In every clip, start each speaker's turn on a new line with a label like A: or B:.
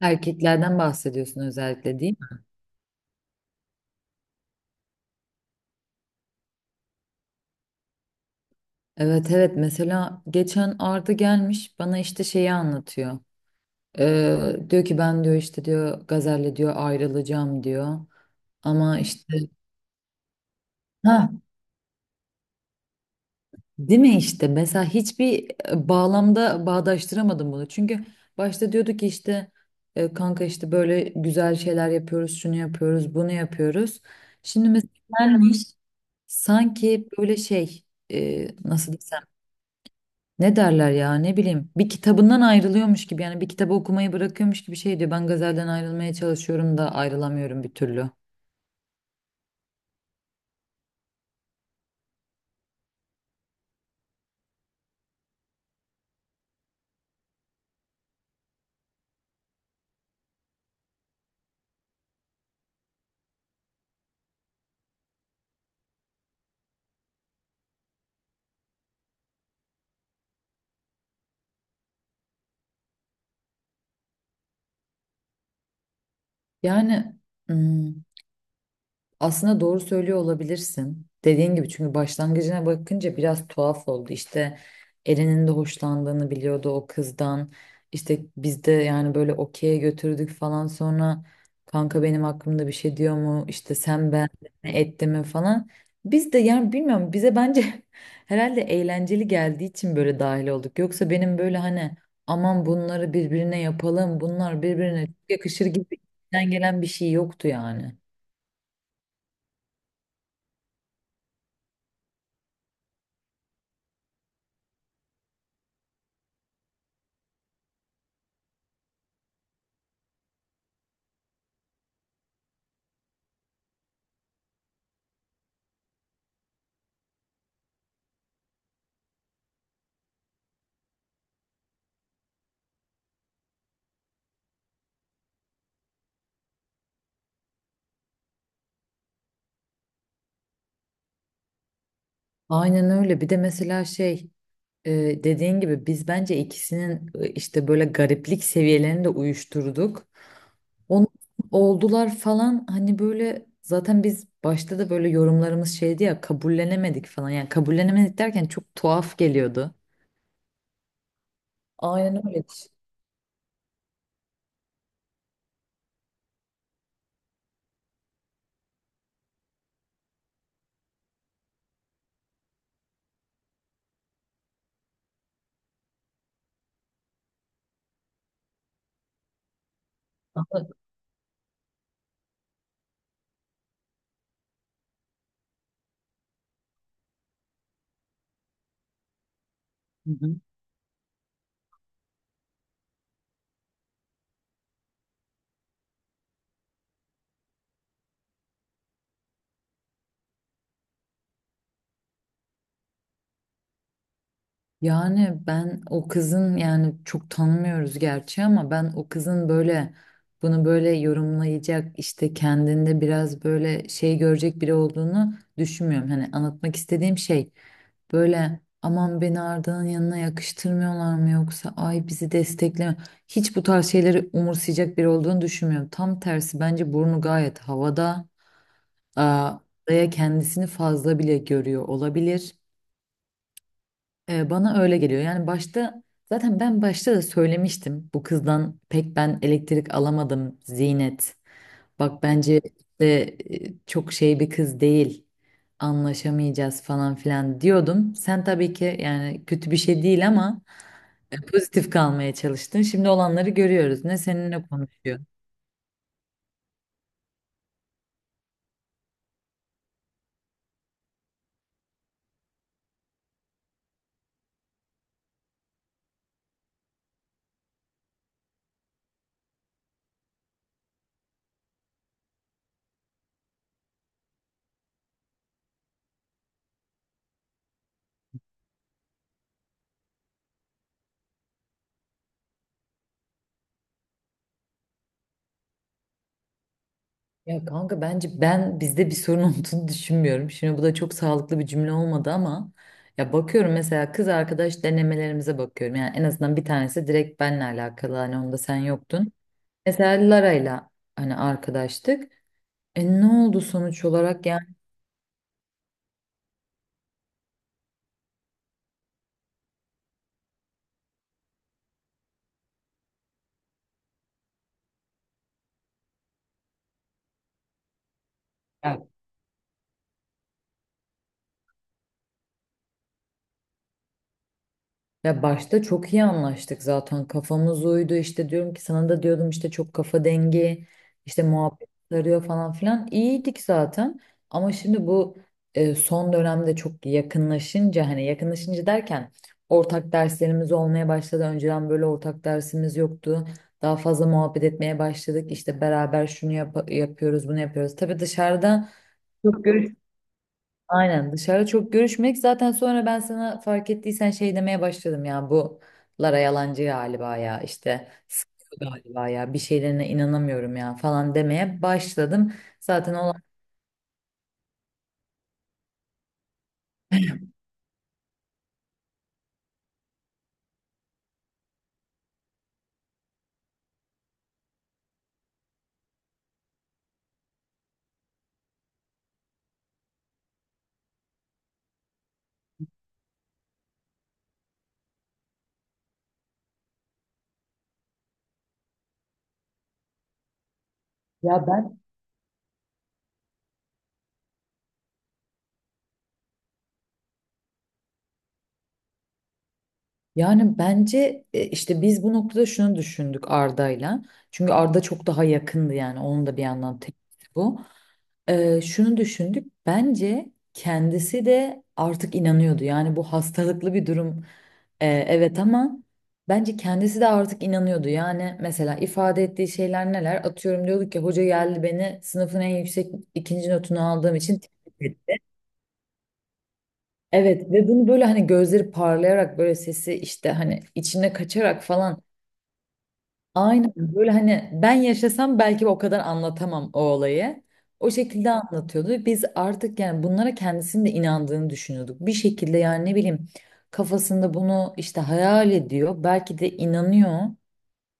A: Erkeklerden bahsediyorsun özellikle değil mi? Evet, evet, mesela geçen Arda gelmiş bana işte şeyi anlatıyor. Diyor ki ben diyor işte diyor Gazel'le diyor ayrılacağım diyor. Ama işte ha, değil mi, işte mesela hiçbir bağlamda bağdaştıramadım bunu. Çünkü başta diyordu ki işte kanka işte böyle güzel şeyler yapıyoruz, şunu yapıyoruz, bunu yapıyoruz. Şimdi mesela gelmiş sanki böyle şey, nasıl desem, ne derler ya, ne bileyim, bir kitabından ayrılıyormuş gibi, yani bir kitabı okumayı bırakıyormuş gibi şey diyor, ben gazelden ayrılmaya çalışıyorum da ayrılamıyorum bir türlü. Yani hmm, aslında doğru söylüyor olabilirsin. Dediğin gibi, çünkü başlangıcına bakınca biraz tuhaf oldu. İşte Eren'in de hoşlandığını biliyordu o kızdan. İşte biz de yani böyle okey'e götürdük falan, sonra kanka benim hakkımda bir şey diyor mu? İşte sen, ben mi etti mi falan. Biz de yani bilmiyorum, bize bence herhalde eğlenceli geldiği için böyle dahil olduk. Yoksa benim böyle hani aman bunları birbirine yapalım, bunlar birbirine çok yakışır gibi içten gelen bir şey yoktu yani. Aynen öyle. Bir de mesela şey, e, dediğin gibi biz bence ikisinin işte böyle gariplik seviyelerini de uyuşturduk. Onun oldular falan, hani böyle zaten biz başta da böyle yorumlarımız şeydi ya, kabullenemedik falan. Yani kabullenemedik derken çok tuhaf geliyordu. Aynen öyle. Ama- Hı hı. Yani ben o kızın, yani çok tanımıyoruz gerçi ama ben o kızın böyle bunu böyle yorumlayacak, işte kendinde biraz böyle şey görecek biri olduğunu düşünmüyorum. Hani anlatmak istediğim şey, böyle aman beni Arda'nın yanına yakıştırmıyorlar mı, yoksa ay bizi destekleme. Hiç bu tarz şeyleri umursayacak biri olduğunu düşünmüyorum. Tam tersi, bence burnu gayet havada. Aa, Arda'ya kendisini fazla bile görüyor olabilir. Bana öyle geliyor. Yani başta zaten ben başta da söylemiştim. Bu kızdan pek ben elektrik alamadım, Zinet. Bak, bence işte çok şey bir kız değil. Anlaşamayacağız falan filan diyordum. Sen tabii ki, yani kötü bir şey değil ama pozitif kalmaya çalıştın. Şimdi olanları görüyoruz. Ne seninle konuşuyor. Ya kanka, bence ben bizde bir sorun olduğunu düşünmüyorum. Şimdi bu da çok sağlıklı bir cümle olmadı ama ya bakıyorum mesela, kız arkadaş denemelerimize bakıyorum. Yani en azından bir tanesi direkt benle alakalı, hani onda sen yoktun. Mesela Lara'yla hani arkadaştık. E ne oldu sonuç olarak yani? Ya başta çok iyi anlaştık, zaten kafamız uydu, işte diyorum ki sana da diyordum işte çok kafa dengi, işte muhabbet sarıyor falan filan, iyiydik zaten ama şimdi bu son dönemde çok yakınlaşınca, hani yakınlaşınca derken ortak derslerimiz olmaya başladı, önceden böyle ortak dersimiz yoktu, daha fazla muhabbet etmeye başladık, işte beraber şunu yapıyoruz, bunu yapıyoruz, tabii dışarıda çok görüş. Aynen, dışarı çok görüşmek, zaten sonra ben sana fark ettiysen şey demeye başladım, ya bu Lara yalancı galiba ya, işte sıkıyor galiba ya, bir şeylerine inanamıyorum ya falan demeye başladım. Zaten olan, ya ben, yani bence işte biz bu noktada şunu düşündük Arda'yla. Çünkü Arda çok daha yakındı, yani onun da bir yandan tepkisi bu. Şunu düşündük. Bence kendisi de artık inanıyordu. Yani bu hastalıklı bir durum. Evet ama bence kendisi de artık inanıyordu. Yani mesela ifade ettiği şeyler neler? Atıyorum, diyorduk ki hoca geldi, beni sınıfın en yüksek ikinci notunu aldığım için tebrik etti. Evet, ve bunu böyle hani gözleri parlayarak, böyle sesi işte hani içine kaçarak falan, aynen böyle, hani ben yaşasam belki o kadar anlatamam o olayı. O şekilde anlatıyordu ve biz artık yani bunlara kendisinin de inandığını düşünüyorduk. Bir şekilde yani, ne bileyim, kafasında bunu işte hayal ediyor. Belki de inanıyor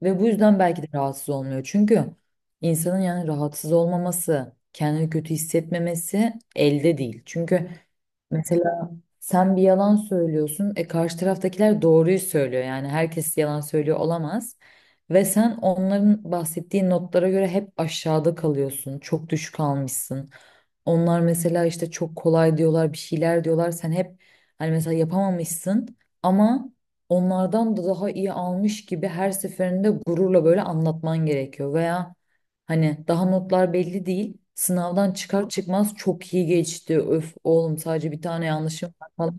A: ve bu yüzden belki de rahatsız olmuyor. Çünkü insanın yani rahatsız olmaması, kendini kötü hissetmemesi elde değil. Çünkü mesela sen bir yalan söylüyorsun. E karşı taraftakiler doğruyu söylüyor. Yani herkes yalan söylüyor olamaz. Ve sen onların bahsettiği notlara göre hep aşağıda kalıyorsun. Çok düşük almışsın. Onlar mesela işte çok kolay diyorlar, bir şeyler diyorlar. Sen hep hani mesela yapamamışsın ama onlardan da daha iyi almış gibi her seferinde gururla böyle anlatman gerekiyor. Veya hani daha notlar belli değil, sınavdan çıkar çıkmaz çok iyi geçti, öf oğlum sadece bir tane yanlışım var.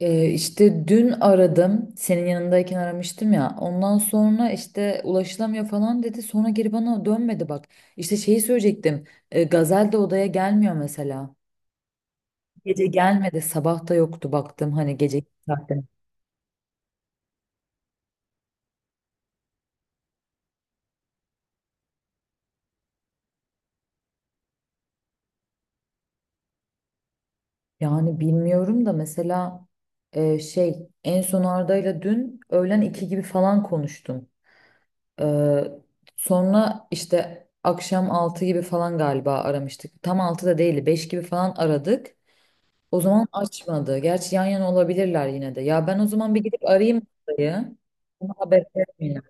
A: İşte dün aradım. Senin yanındayken aramıştım ya. Ondan sonra işte ulaşılamıyor falan dedi. Sonra geri bana dönmedi bak. İşte şeyi söyleyecektim. Gazel de odaya gelmiyor mesela. Gece gelmedi. Sabah da yoktu baktım, hani gece saatte. Yani bilmiyorum da mesela şey, en son Arda'yla dün öğlen 2 gibi falan konuştum. Ee, Sonra işte akşam 6 gibi falan galiba aramıştık. Tam 6 da değil, 5 gibi falan aradık. O zaman açmadı. Gerçi yan yana olabilirler yine de. Ya ben o zaman bir gidip arayayım dayı. Ona haber vermeyeyim.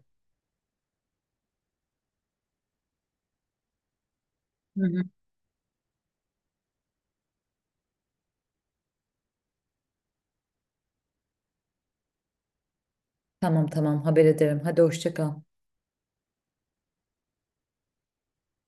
A: Hı hı. Tamam, tamam, haber ederim. Hadi hoşça kal.